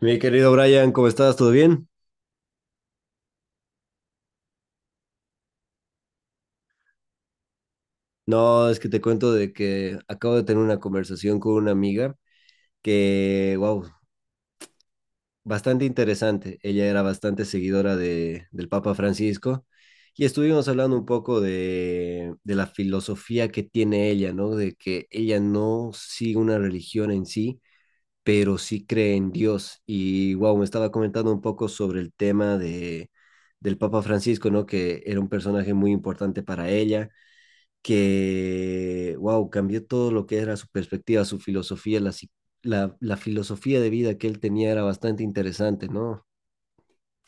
Mi querido Brian, ¿cómo estás? ¿Todo bien? No, es que te cuento de que acabo de tener una conversación con una amiga que, wow, bastante interesante. Ella era bastante seguidora del Papa Francisco y estuvimos hablando un poco de la filosofía que tiene ella, ¿no? De que ella no sigue una religión en sí, pero sí cree en Dios. Y, wow, me estaba comentando un poco sobre el tema de, del Papa Francisco, ¿no? Que era un personaje muy importante para ella que, wow, cambió todo lo que era su perspectiva, su filosofía, la, si- la filosofía de vida que él tenía era bastante interesante, ¿no?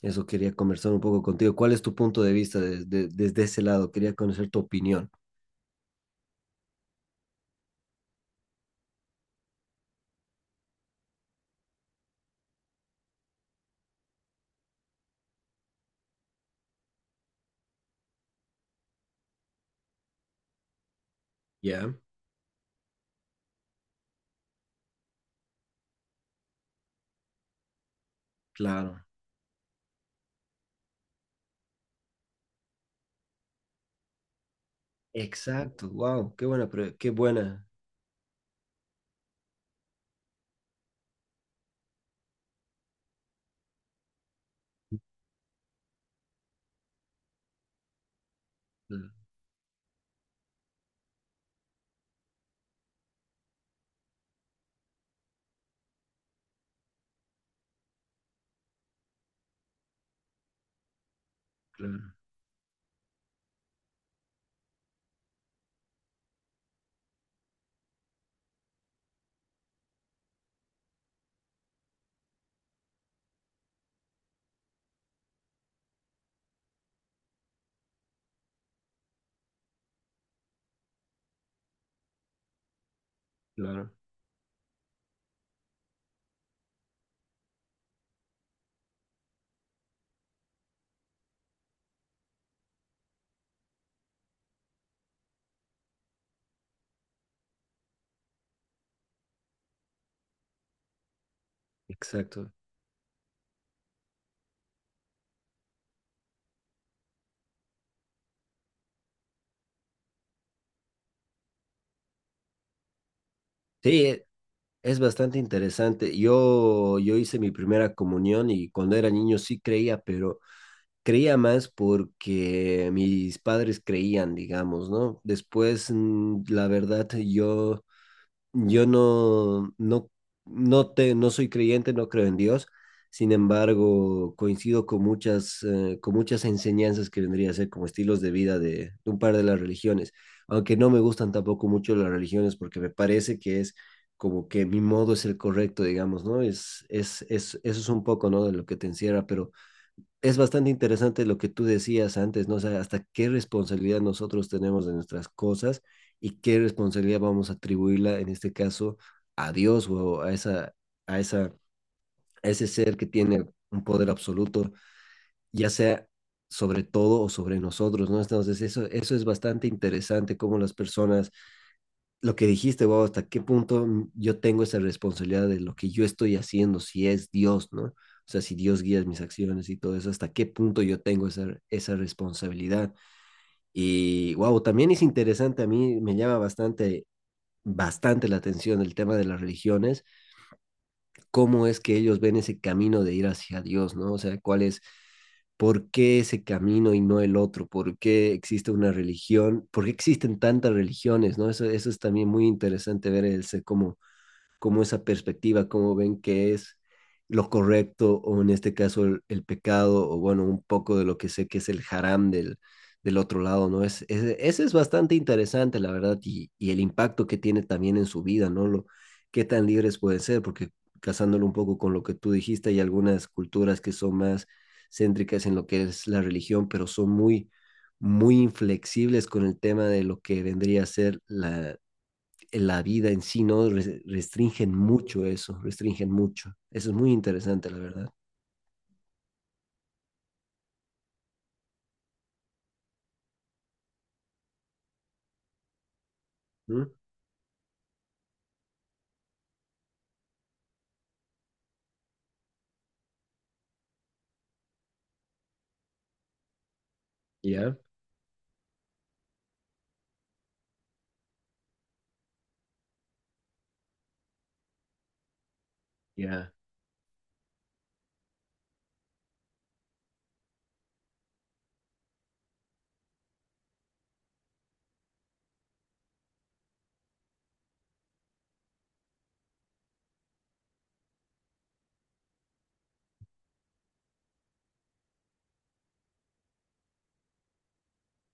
Eso quería conversar un poco contigo. ¿Cuál es tu punto de vista desde ese lado? Quería conocer tu opinión. Ya, claro, exacto, wow, qué buena. Mm, claro, claro. Exacto. Sí, es bastante interesante. Yo hice mi primera comunión y cuando era niño sí creía, pero creía más porque mis padres creían, digamos, ¿no? Después, la verdad, yo no, no, no, te, no soy creyente, no creo en Dios. Sin embargo, coincido con con muchas enseñanzas que vendría a ser como estilos de vida de un par de las religiones, aunque no me gustan tampoco mucho las religiones porque me parece que es como que mi modo es el correcto, digamos, ¿no? Eso es un poco, ¿no? De lo que te encierra, pero es bastante interesante lo que tú decías antes, ¿no? O sea, hasta qué responsabilidad nosotros tenemos de nuestras cosas y qué responsabilidad vamos a atribuirla, en este caso, a Dios o a, esa, a ese ser que tiene un poder absoluto, ya sea sobre todo o sobre nosotros, ¿no? Entonces, eso es bastante interesante, cómo las personas lo que dijiste, wow, hasta qué punto yo tengo esa responsabilidad de lo que yo estoy haciendo, si es Dios, ¿no? O sea, si Dios guía mis acciones y todo eso, hasta qué punto yo tengo esa responsabilidad. Y wow, también es interesante, a mí me llama bastante la atención el tema de las religiones, cómo es que ellos ven ese camino de ir hacia Dios, ¿no? O sea, por qué ese camino y no el otro, por qué existe una religión, por qué existen tantas religiones, ¿no? Eso es también muy interesante ver ese, cómo como esa perspectiva, cómo ven que es lo correcto o en este caso pecado o bueno, un poco de lo que sé que es el haram del, del otro lado, ¿no? Ese es bastante interesante, la verdad, y el impacto que tiene también en su vida, ¿no? Qué tan libres pueden ser, porque casándolo un poco con lo que tú dijiste, hay algunas culturas que son más céntricas en lo que es la religión, pero son muy inflexibles con el tema de lo que vendría a ser la vida en sí, ¿no? Restringen mucho. Eso es muy interesante, la verdad. ¿Mm? Ya, ya,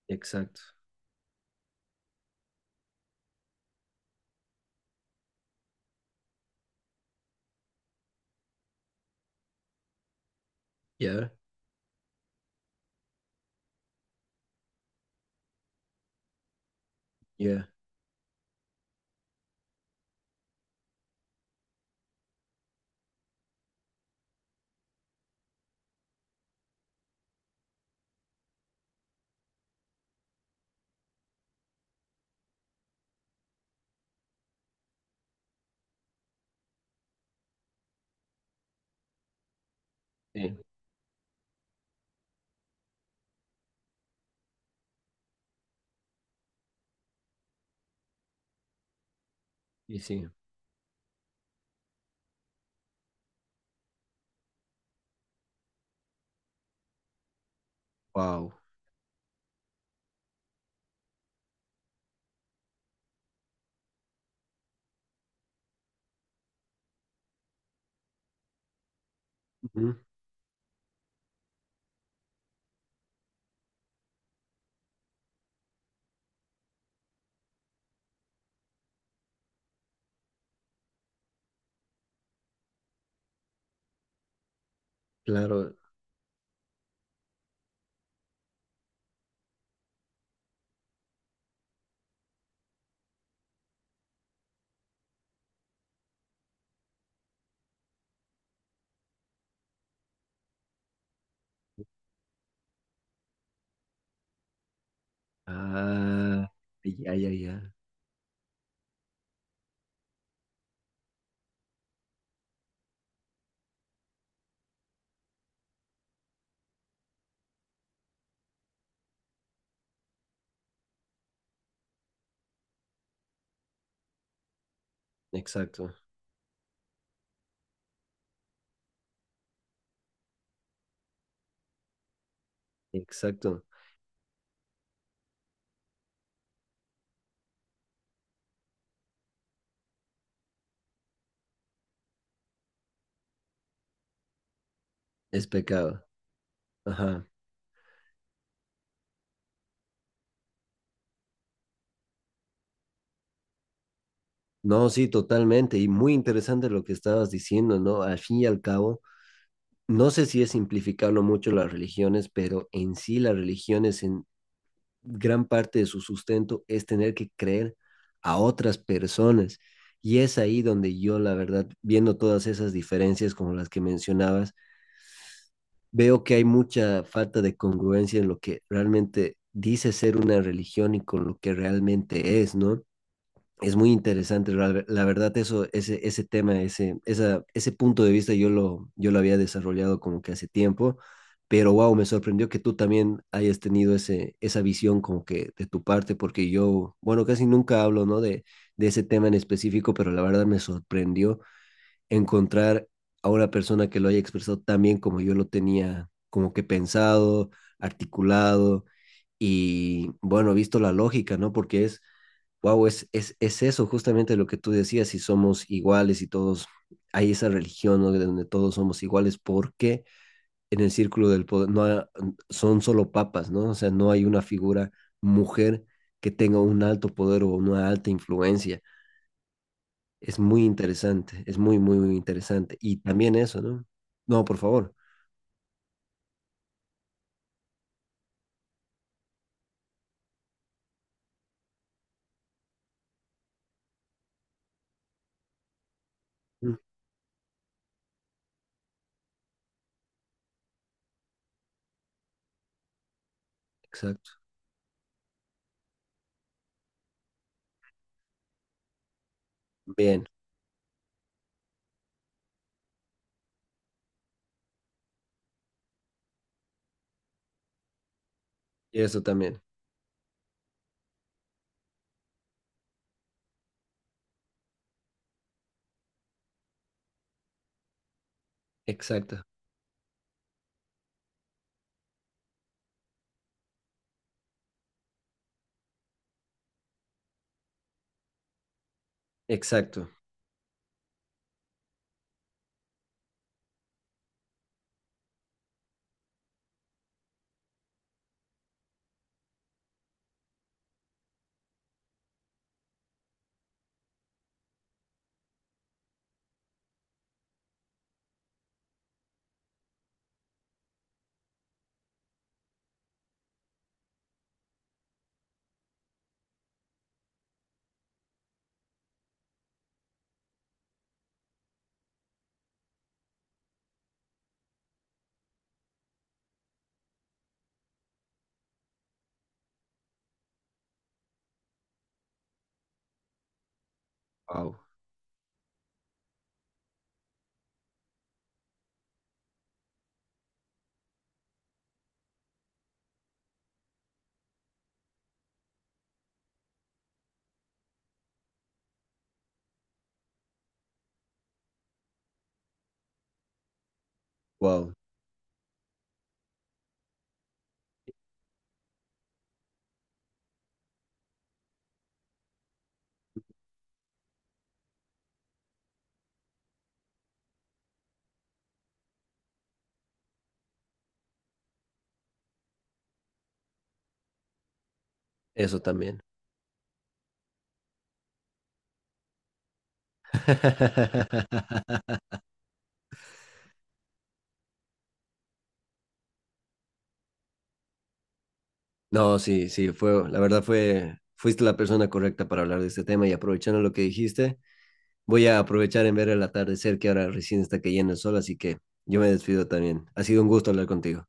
exacto. Ya, ya, sí, y sí. Wow. Ujú, claro. Ah, ya, ya, ya. Exacto, exacto. Es pecado. Ajá. No, sí, totalmente. Y muy interesante lo que estabas diciendo, ¿no? Al fin y al cabo, no sé si es simplificarlo mucho las religiones, pero en sí las religiones en, gran parte de su sustento es tener que creer a otras personas. Y es ahí donde yo, la verdad, viendo todas esas diferencias como las que mencionabas, veo que hay mucha falta de congruencia en lo que realmente dice ser una religión y con lo que realmente es, ¿no? Es muy interesante, la verdad, ese tema, ese punto de vista yo lo había desarrollado como que hace tiempo, pero wow, me sorprendió que tú también hayas tenido esa visión como que de tu parte, porque yo, bueno, casi nunca hablo, ¿no? De ese tema en específico, pero la verdad me sorprendió encontrar a una persona que lo haya expresado tan bien como yo lo tenía como que pensado, articulado y bueno, visto la lógica, ¿no? Porque es wow, es eso justamente lo que tú decías, si somos iguales y todos, hay esa religión ¿no? de donde todos somos iguales, porque en el círculo del poder no ha- son solo papas, ¿no? O sea, no hay una figura mujer que tenga un alto poder o una alta influencia. Es muy interesante, es muy interesante. Y también eso, ¿no? No, por favor. Mm, exacto. Bien, y eso también. Exacto, exacto. Wow, wow, eso también. No, sí, sí, fue, la verdad fue, fuiste la persona correcta para hablar de este tema y aprovechando lo que dijiste, voy a aprovechar en ver el atardecer que ahora recién está cayendo el sol, así que yo me despido también. Ha sido un gusto hablar contigo.